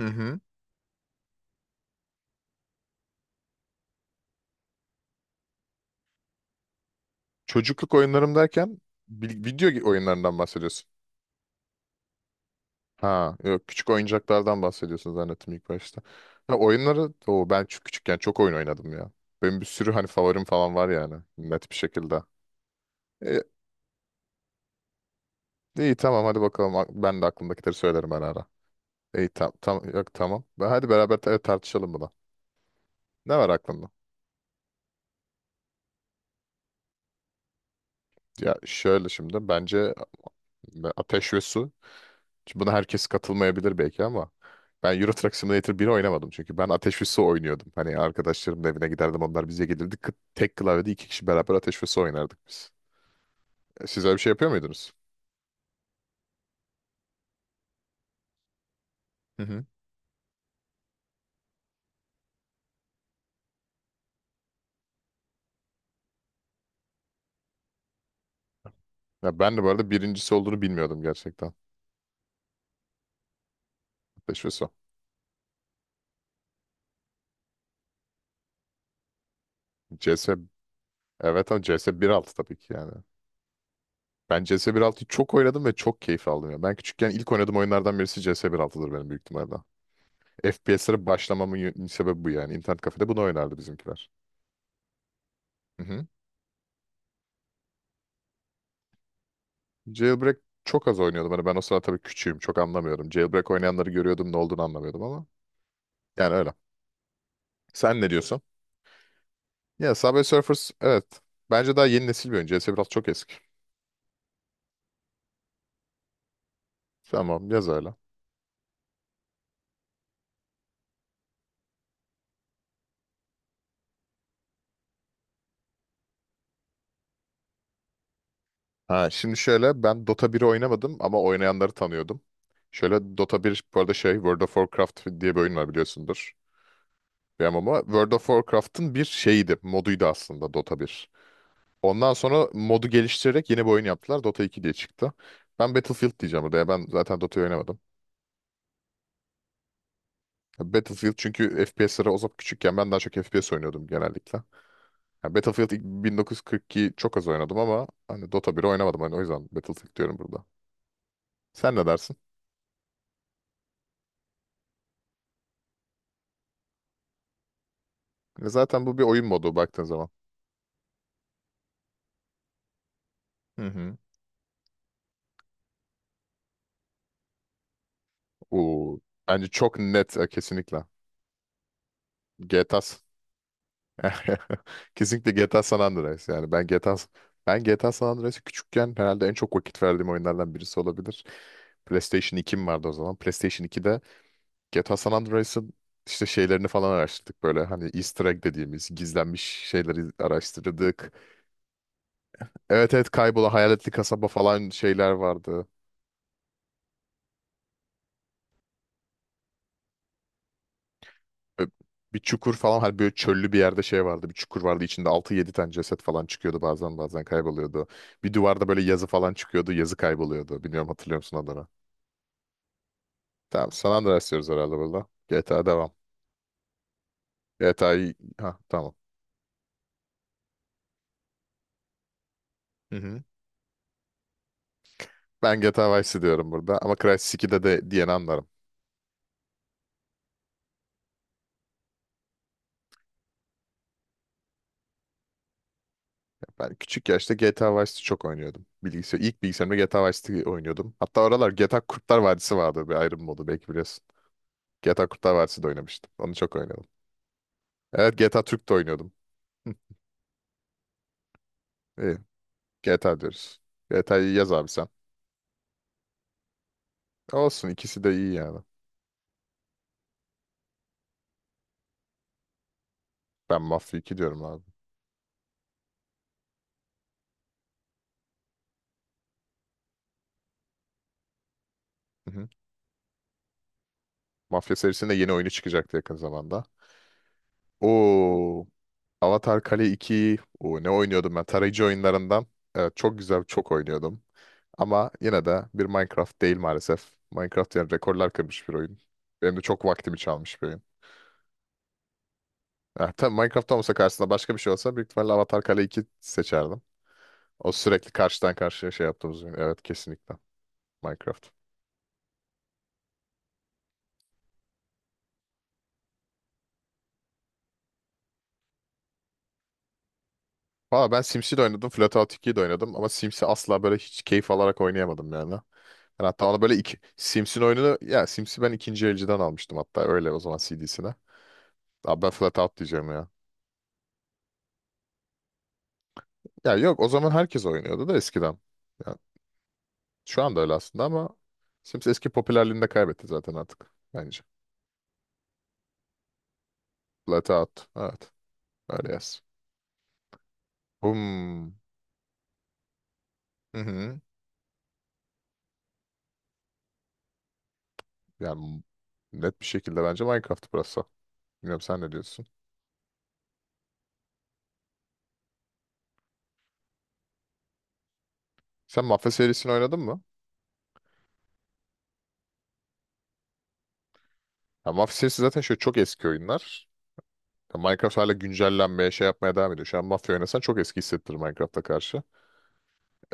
Hı hı. Çocukluk oyunlarım derken video oyunlarından bahsediyorsun. Ha, yok küçük oyuncaklardan bahsediyorsun zannettim ilk başta. Ha, oyunları o ben çok küçükken çok oyun oynadım ya. Benim bir sürü hani favorim falan var yani net bir şekilde. E, iyi tamam hadi bakalım ben de aklımdakileri söylerim ara ara. İyi tam tam yok tamam. Hadi beraber tartışalım bunu. Ne var aklında? Ya şöyle şimdi bence Ateş ve Su. Şimdi buna herkes katılmayabilir belki ama ben Euro Truck Simulator 1'i oynamadım çünkü ben Ateş ve Su oynuyordum. Hani arkadaşlarımın evine giderdim onlar bize gelirdi. Tek klavyede iki kişi beraber Ateş ve Su oynardık biz. E, siz öyle bir şey yapıyor muydunuz? Hı hı. Ya ben de bu arada birincisi olduğunu bilmiyordum gerçekten. Ateş ve Su. CS, evet ama CS 1.6 tabii ki yani. Ben CS 1.6'yı çok oynadım ve çok keyif aldım ya. Ben küçükken ilk oynadığım oyunlardan birisi CS 1.6'dır benim büyük ihtimalle. FPS'lere başlamamın sebebi bu yani. İnternet kafede bunu oynardı bizimkiler. Hı hı. Jailbreak çok az oynuyordum. Hani ben o sırada tabii küçüğüm. Çok anlamıyordum. Jailbreak oynayanları görüyordum ne olduğunu anlamıyordum ama. Yani öyle. Sen ne diyorsun? Ya Subway Surfers, evet. Bence daha yeni nesil bir oyun. C S biraz çok eski. Tamam yaz öyle. Ha, şimdi şöyle ben Dota biri oynamadım ama oynayanları tanıyordum. Şöyle Dota bir, bu arada şey, World of Warcraft diye bir oyun var biliyorsundur. Bir MMO. World of Warcraft'ın bir şeyiydi. Moduydu aslında Dota bir. Ondan sonra modu geliştirerek yeni bir oyun yaptılar. Dota 2 diye çıktı. Ben Battlefield diyeceğim burada ya. Ben zaten Dota'yı oynamadım. Ya Battlefield çünkü FPS'lere, o zaman küçükken ben daha çok FPS oynuyordum genellikle. Ya Battlefield ilk 1942 çok az oynadım ama hani Dota biri oynamadım, hani o yüzden Battlefield diyorum burada. Sen ne dersin? E, zaten bu bir oyun modu baktığın zaman. Hı hı. Oo, bence çok net, kesinlikle. GTA s- Kesinlikle GTA San Andreas, yani ben GTA San Andreas'ı küçükken herhalde en çok vakit verdiğim oyunlardan birisi olabilir. PlayStation 2'm vardı o zaman. PlayStation 2'de GTA San Andreas'ın işte şeylerini falan araştırdık, böyle hani Easter egg dediğimiz gizlenmiş şeyleri araştırdık. Evet, evet, kaybolan hayaletli kasaba falan şeyler vardı. Ö- Bir çukur falan, hani böyle çöllü bir yerde şey vardı, bir çukur vardı, içinde altı yedi tane ceset falan çıkıyordu, bazen bazen kayboluyordu. Bir duvarda böyle yazı falan çıkıyordu, yazı kayboluyordu, bilmiyorum, hatırlıyor musun adını? Tamam San Andreas diyoruz herhalde burada. GTA devam. GTA'yı, ha, tamam. Hı hı. Ben GTA Vice diyorum burada ama Crysis 2'de de diyeni anlarım. Ben küçük yaşta GTA Vice City çok oynuyordum. Bilgisayar, ilk bilgisayarımda GTA Vice City oynuyordum. Hatta oralar GTA Kurtlar Vadisi vardı, bir ayrım modu, belki biliyorsun. GTA Kurtlar Vadisi de oynamıştım. Onu çok oynadım. Evet, GTA Türk de oynuyordum. Hı, İyi. GTA diyoruz. GTA'yı yaz abi sen. Olsun, ikisi de iyi yani. Ben Mafya 2 diyorum abi. Hı hı. Mafya serisinin de yeni oyunu çıkacaktı yakın zamanda. Oo, Avatar Kale 2. Oo, ne oynuyordum ben? Tarayıcı oyunlarından. Evet, çok güzel, çok oynuyordum. Ama yine de bir Minecraft değil maalesef. Minecraft yani rekorlar kırmış bir oyun. Benim de çok vaktimi çalmış bir oyun. Ya, tabii Minecraft olmasa karşısında, başka bir şey olsa büyük ihtimalle Avatar Kale 2 seçerdim. O sürekli karşıdan karşıya şey yaptığımız oyun. Evet, kesinlikle Minecraft. Valla ben Sims'i de oynadım, Flatout 2'yi de oynadım ama Sims'i asla böyle hiç keyif alarak oynayamadım yani. Ben hatta onu böyle iki, Sims'in oyununu, ya Sims'i ben ikinci elciden almıştım hatta, öyle o zaman CD'sine. Abi ben Flatout diyeceğim ya. Ya yok, o zaman herkes oynuyordu da eskiden. Ya, şu anda öyle aslında ama Sims eski popülerliğini de kaybetti zaten artık bence. Blackout. Evet. Öyle yaz. Hmm. Hı hı. Yani net bir şekilde bence Minecraft burası. Bilmiyorum, sen ne diyorsun? Sen Mafya serisini oynadın mı? Ya Mafya serisi zaten şöyle çok eski oyunlar. Ya Minecraft hala güncellenmeye şey yapmaya devam ediyor. Şu an Mafya oynasan çok eski hissettirir Minecraft'a karşı.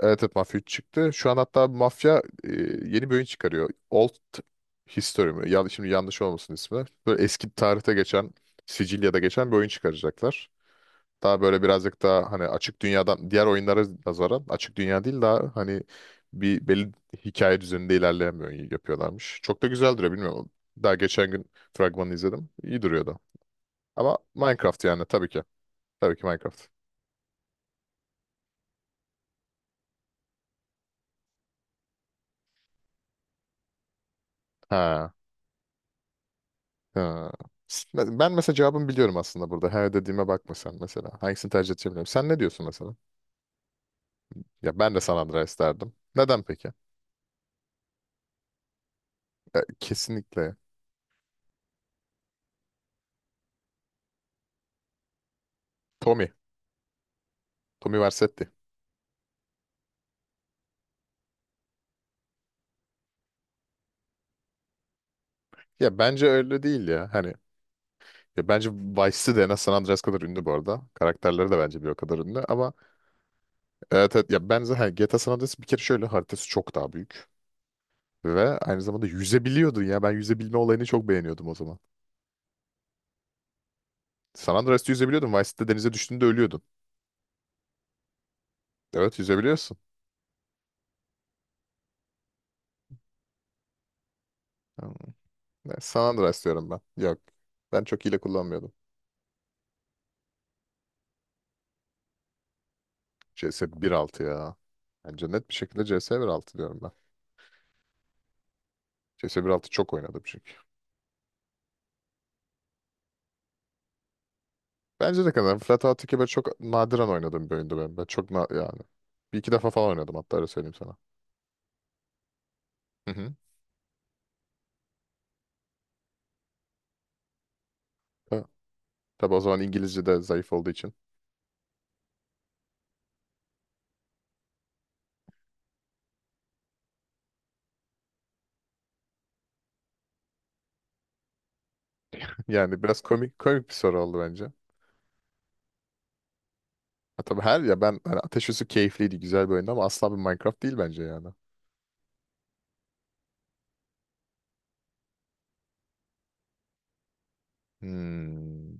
Evet, evet, Mafya 3 çıktı. Şu an hatta Mafya yeni bir oyun çıkarıyor. Old History mi? Şimdi yanlış olmasın ismi. Böyle eski tarihte geçen, Sicilya'da geçen bir oyun çıkaracaklar. Daha böyle birazcık daha, hani açık dünyadan, diğer oyunlara nazaran açık dünya değil, daha hani bir belli hikaye düzeninde ilerleyen bir oyun yapıyorlarmış. Çok da güzel duruyor, bilmiyorum. Daha geçen gün fragmanını izledim. İyi duruyordu. Ama Minecraft yani, tabii ki. Tabii ki Minecraft. Ha. Ha. Ben mesela cevabımı biliyorum aslında burada. Her dediğime bakma sen mesela. Hangisini tercih edeceğim? Sen ne diyorsun mesela? Ya ben de San Andreas derdim. Neden peki? Ya kesinlikle. Tommy. Tommy Vercetti. Ya bence öyle değil ya. Hani ya bence Vice City de en az San Andreas kadar ünlü bu arada. Karakterleri de bence bir o kadar ünlü ama evet, evet, ya ben zaten GTA San Andreas bir kere şöyle haritası çok daha büyük. Ve aynı zamanda yüzebiliyordun ya. Ben yüzebilme olayını çok beğeniyordum o zaman. San Andreas'ta yüzebiliyordun. Vice City'de denize düştüğünde ölüyordun. Evet, yüzebiliyorsun. Yani, ne, San Andreas diyorum ben. Yok. Ben çok hile kullanmıyordum. CS 1.6 ya. Bence net bir şekilde CS 1.6 diyorum ben. CS 1.6 çok oynadım çünkü. Bence de kadar. Flatout 2 böyle çok nadiren oynadığım bir oyundu benim. Ben çok yani. Bir iki defa falan oynadım hatta, öyle söyleyeyim sana. Hı hı. Ta- Tabii o zaman İngilizce de zayıf olduğu için. Yani biraz komik komik bir soru oldu bence. Ha, tabii her, ya ben hani Ateş Üssü keyifliydi, güzel bir oyundu ama asla bir Minecraft değil bence yani. Hmm,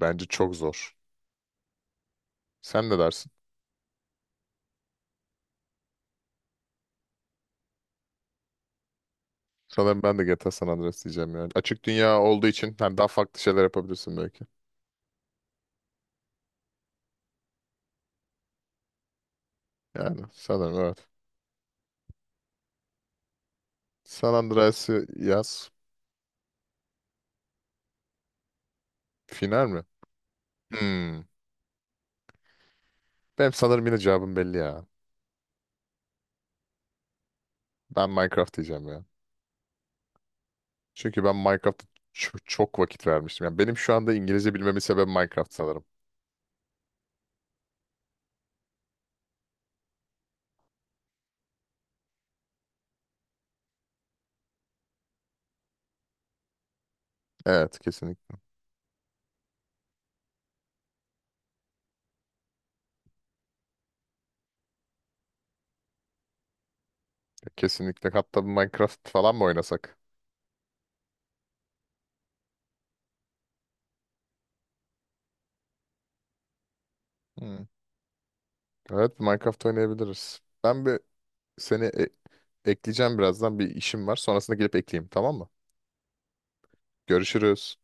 bence çok zor. Sen ne dersin? Sanırım ben de GTA San Andreas diyeceğim yani. Açık dünya olduğu için hani daha farklı şeyler yapabilirsin belki. Yani sanırım evet. San Andreas'ı yaz. Final mi? Hmm. Benim sanırım yine cevabım belli ya. Ben Minecraft diyeceğim ya. Çünkü ben Minecraft'a çok vakit vermiştim. Yani benim şu anda İngilizce bilmemin sebebi Minecraft sanırım. Evet, kesinlikle. Kesinlikle. Hatta bir Minecraft falan mı oynasak? Hmm. Evet, Minecraft oynayabiliriz. Ben bir seni ekleyeceğim birazdan. Bir işim var. Sonrasında gelip ekleyeyim, tamam mı? Görüşürüz.